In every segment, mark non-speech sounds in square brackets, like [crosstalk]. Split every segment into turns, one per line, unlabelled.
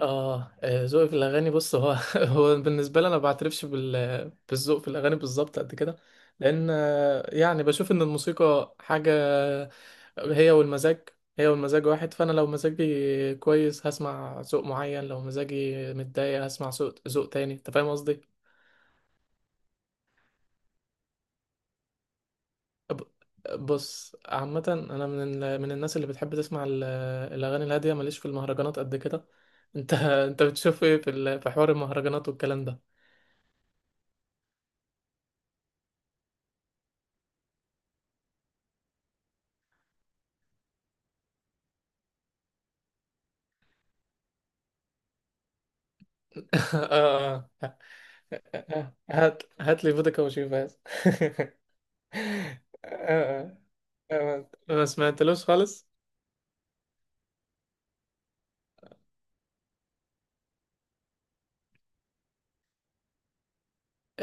ذوقي في الاغاني. بص هو [laughs] هو بالنسبه لي، انا ما بعترفش بالذوق في الاغاني بالظبط قد كده. لان يعني بشوف ان الموسيقى حاجه، هي والمزاج هي والمزاج واحد. فانا لو مزاجي كويس هسمع ذوق معين، لو مزاجي متضايق هسمع ذوق تاني. انت فاهم قصدي؟ ب- بص عامه انا من الناس اللي بتحب تسمع الاغاني الهاديه، ماليش في المهرجانات قد كده. انت بتشوف ايه في حوار المهرجانات والكلام ده؟ [laughs] اه آه هات هات لي فودكا وشوف بس. [laughs] آه، ما سمعتلوش خالص.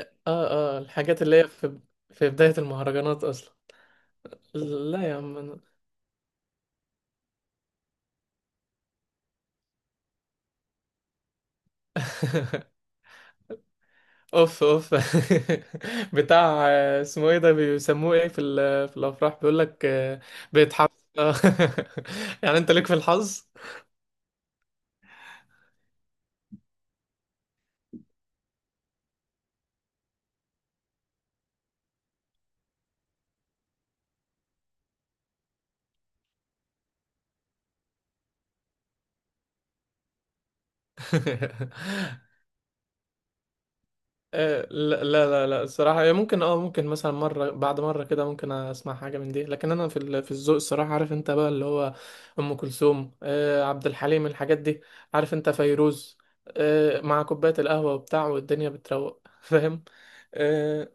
اه اه، الحاجات اللي هي في بداية المهرجانات اصلا. لا يا عم أنا. [laughs] اوف اوف. [laughs] بتاع، اسمه ايه ده؟ بيسموه ايه في الافراح بيقول لك؟ بيتحف. [laughs] يعني انت ليك في الحظ؟ [laughs] لا لا لا لا، الصراحة هي ممكن، ممكن مثلا مرة بعد مرة كده، ممكن اسمع حاجة من دي. لكن انا في الذوق الصراحة، عارف انت بقى اللي هو ام كلثوم، عبد الحليم، الحاجات دي. عارف انت فيروز، مع كوباية القهوة وبتاع، والدنيا بتروق، فاهم؟ آه.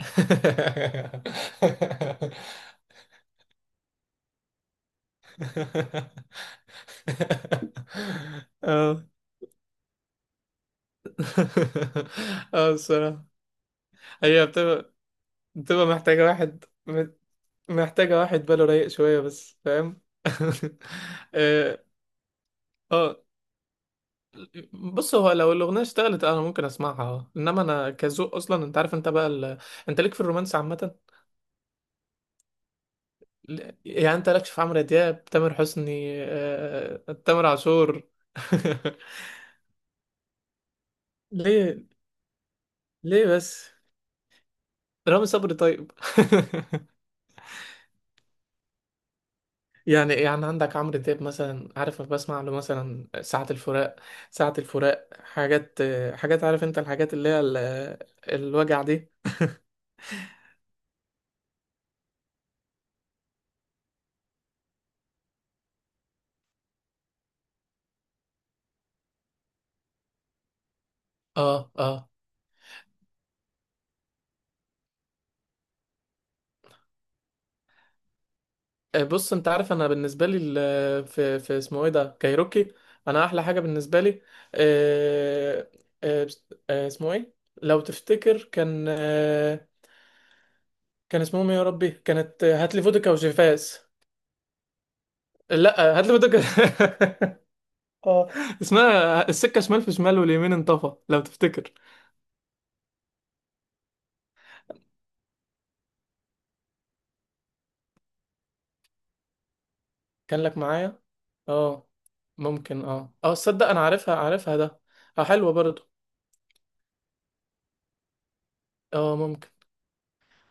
[laughs] اه. [laughs] اه الصراحة. هي بتبقى محتاجة واحد باله رايق شوية بس، فاهم؟ [laughs] اه. آه، بص، هو لو الأغنية اشتغلت أنا ممكن أسمعها، اه، إنما أنا كذوق أصلا أنت عارف أنت بقى ال... آه، أنت ليك في الرومانس عامة. يعني أنت لكش في عمرو دياب، تامر حسني، تامر عاشور؟ [laughs] ليه؟ ليه بس؟ رامي صبري طيب؟ [laughs] يعني عندك عمرو دياب مثلا، عارف أنا بسمع له مثلا ساعة الفراق. ساعة الفراق حاجات، حاجات، عارف انت الحاجات اللي هي الوجع دي. اه اه. بص انت عارف انا بالنسبة لي في اسمه ايه ده؟ كايروكي. انا احلى حاجة بالنسبة لي، آه، اسمه ايه؟ لو تفتكر، كان كان اسمهم إيه يا ربي؟ كانت هاتلي فودكا وجيفاز. لا هاتلي فودكا. [laughs] اه، اسمها السكة شمال، في شمال واليمين انطفى، لو تفتكر. كان لك معايا. اه ممكن، تصدق انا عارفها، عارفها ده. اه حلوة برضو. اه ممكن.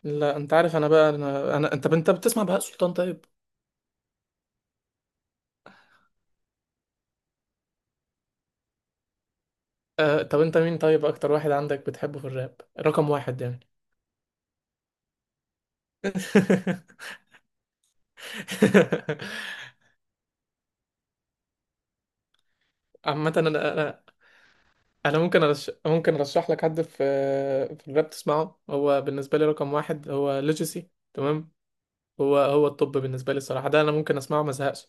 لا انت عارف انا بقى، أنا. انت بتسمع بهاء سلطان طيب؟ طب انت مين طيب اكتر واحد عندك بتحبه في الراب رقم واحد يعني؟ [laughs] عامة انا ممكن ممكن ارشح لك حد في في الراب تسمعه، هو بالنسبة لي رقم واحد هو ليجاسي، تمام؟ هو الطب بالنسبه لي الصراحه، ده انا ممكن اسمعه ما ازهقش.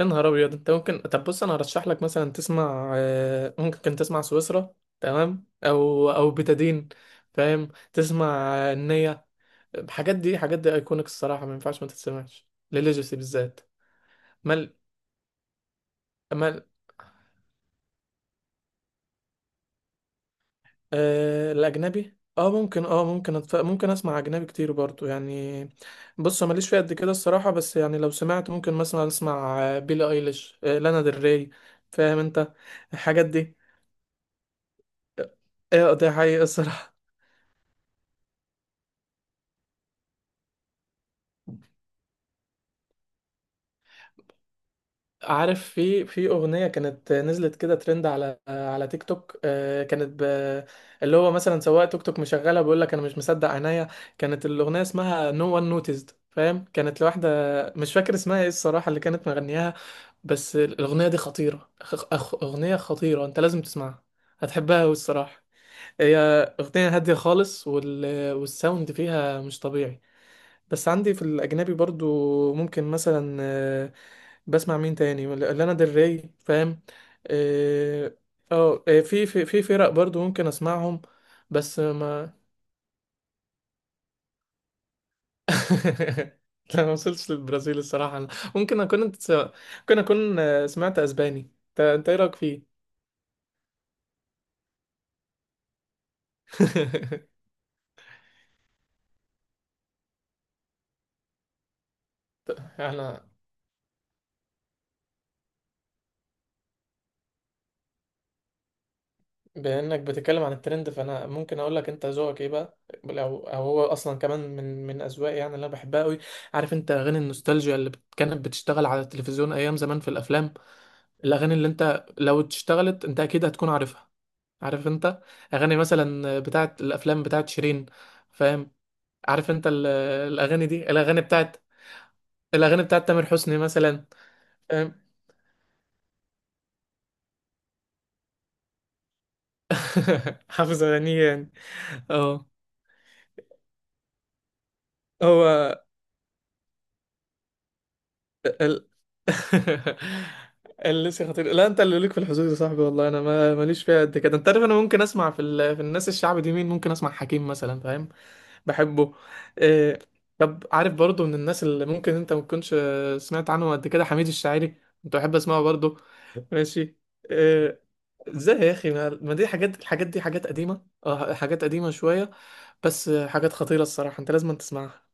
يا نهار ابيض، انت ممكن؟ طب بص انا هرشح لك مثلا تسمع، ممكن تسمع سويسرا، تمام، او بتادين، فاهم، تسمع، النية. الحاجات دي، حاجات دي ايكونيك الصراحه، ما ينفعش ما تتسمعش لليجاسي بالذات. مال مال، الأجنبي، اه ممكن، ممكن ممكن اسمع أجنبي كتير برضو يعني. بص أنا ماليش فيه قد كده الصراحة، بس يعني لو سمعت ممكن مثلا اسمع بيلي ايليش، لانا ديل ري، فاهم انت؟ الحاجات دي. اه ده حقيقي الصراحة. عارف، في اغنيه كانت نزلت كده ترند على تيك توك، كانت اللي هو مثلا سواق توك توك مشغله بيقول لك انا مش مصدق عينيا. كانت الاغنيه اسمها No One Noticed، فاهم، كانت لواحده مش فاكر اسمها ايه الصراحه اللي كانت مغنياها. بس الاغنيه دي خطيره. اغنيه خطيره، انت لازم تسمعها، هتحبها والصراحه. هي اغنيه هاديه خالص، والساوند فيها مش طبيعي. بس عندي في الأجنبي برضو ممكن مثلا، بسمع مين تاني؟ لانا ديل ري، فاهم. اه، في في فرق برضو ممكن اسمعهم. بس ما. [laughs] لا ما وصلتش للبرازيل الصراحة. أنا ممكن أكون، انت، ممكن أكون سمعت أسباني. انت إنت إيه رأيك فيه؟ [laughs] أنا، بانك بتتكلم عن الترند، فانا ممكن اقول لك انت ذوقك ايه بقى. لو، او هو اصلا كمان من اذواقي، يعني اللي انا بحبها قوي. عارف انت اغاني النوستالجيا اللي كانت بتشتغل على التلفزيون ايام زمان في الافلام، الاغاني اللي انت لو اشتغلت انت اكيد هتكون عارفها. عارف انت اغاني مثلا بتاعت الافلام بتاعت شيرين، فاهم؟ عارف انت الاغاني دي، الاغاني بتاعت، الاغاني بتاعت تامر حسني مثلا، فاهم؟ [laughs] حافظ اغانيه يعني؟ اه هو. [laughs] اللي لسه خطير. لا انت اللي ليك في الحظوظ يا صاحبي والله، انا ما ماليش فيها قد كده. انت عارف انا ممكن اسمع في الناس الشعب دي، مين ممكن اسمع؟ حكيم مثلا، فاهم. بحبه. إيه. طب عارف برضو من الناس اللي ممكن انت ما تكونش سمعت عنه قد كده، حميد الشاعري؟ كنت بحب اسمعه برضو. ماشي. إيه. ازاي يا اخي؟ ما دي حاجات، الحاجات دي حاجات قديمة، اه حاجات قديمة شوية، بس حاجات خطيرة الصراحة، انت لازم تسمعها.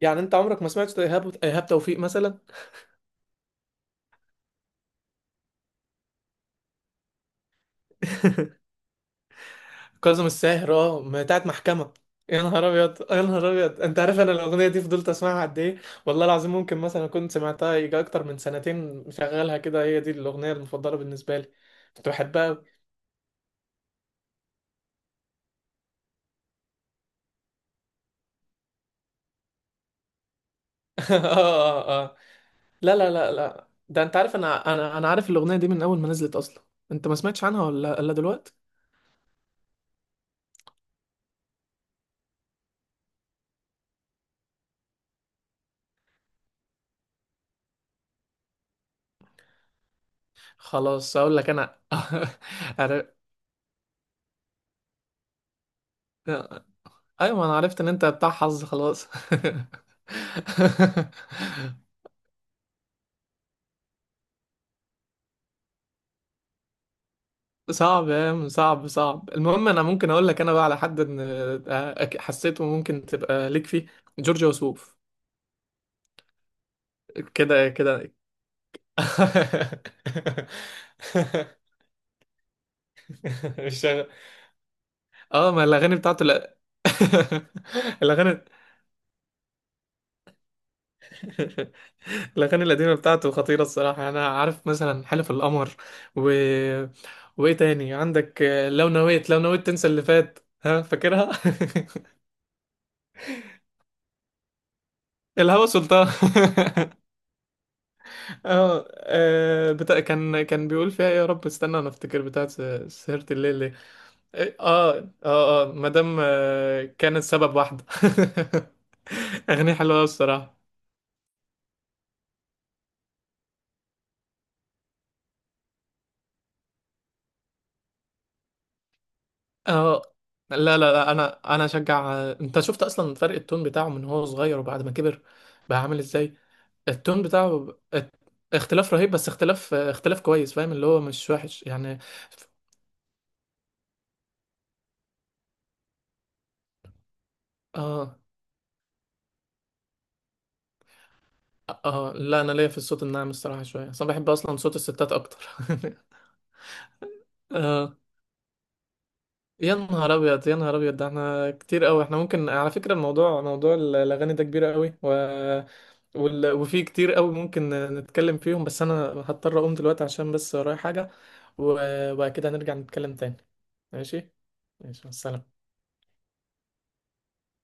يعني انت عمرك ما سمعت ايهاب، ايهاب توفيق مثلا؟ [laughs] كاظم الساهر، اه ما هي بتاعت محكمة. يا نهار ابيض، يا نهار ابيض، انت عارف انا الاغنية دي فضلت اسمعها قد ايه؟ والله العظيم ممكن مثلا كنت سمعتها يجي اكتر من سنتين مشغلها كده، هي دي الاغنية المفضلة بالنسبة لي. كنت بحبها أوي. [laughs] اه اه اه. لا لا لا لا، ده انت عارف انا، انا عارف الاغنية دي من اول ما نزلت اصلا. انت ما سمعتش عنها ولا الا دلوقتي؟ خلاص اقول لك انا. [laughs] عر- ايوه، ما انا عرفت ان انت بتاع حظ خلاص. [laughs] صعب يا عم، صعب صعب. المهم انا ممكن اقول لك انا بقى على حد ان، حسيته ممكن تبقى ليك فيه جورج وسوف. كده كده. [laughs] مش شغ- اه ما الاغاني بتاعته. لا. [laughs] الاغاني. [laughs] الاغاني القديمه بتاعته خطيره الصراحه، انا عارف مثلا حلف القمر، و وايه تاني عندك؟ لو نويت، لو نويت تنسى اللي فات، ها فاكرها؟ [laughs] الهوى سلطان. [laughs] اه كان بيقول فيها ايه؟ يا رب استنى انا افتكر بتاعت سهرة الليل، ليه. اه اه اه، مادام كانت سبب واحدة. [laughs] اغنية حلوة أوي الصراحة. اه لا لا لا، انا اشجع. انت شفت اصلا فرق التون بتاعه من هو صغير وبعد ما كبر، بقى عامل ازاي؟ التون بتاعه اختلاف رهيب، بس اختلاف كويس، فاهم، اللي هو مش وحش يعني. اه اه لا، انا ليا في الصوت الناعم الصراحة شوية، اصلا بحب اصلا صوت الستات اكتر. [laughs] اه. يا نهار ابيض، يا نهار ابيض، ده احنا كتير قوي. احنا ممكن، على فكره الموضوع، موضوع الاغاني ده كبير قوي، وفي كتير قوي ممكن نتكلم فيهم، بس انا هضطر اقوم دلوقتي عشان بس ورايا حاجه، وبعد كده هنرجع نتكلم تاني. ماشي. ماشي مع السلامه.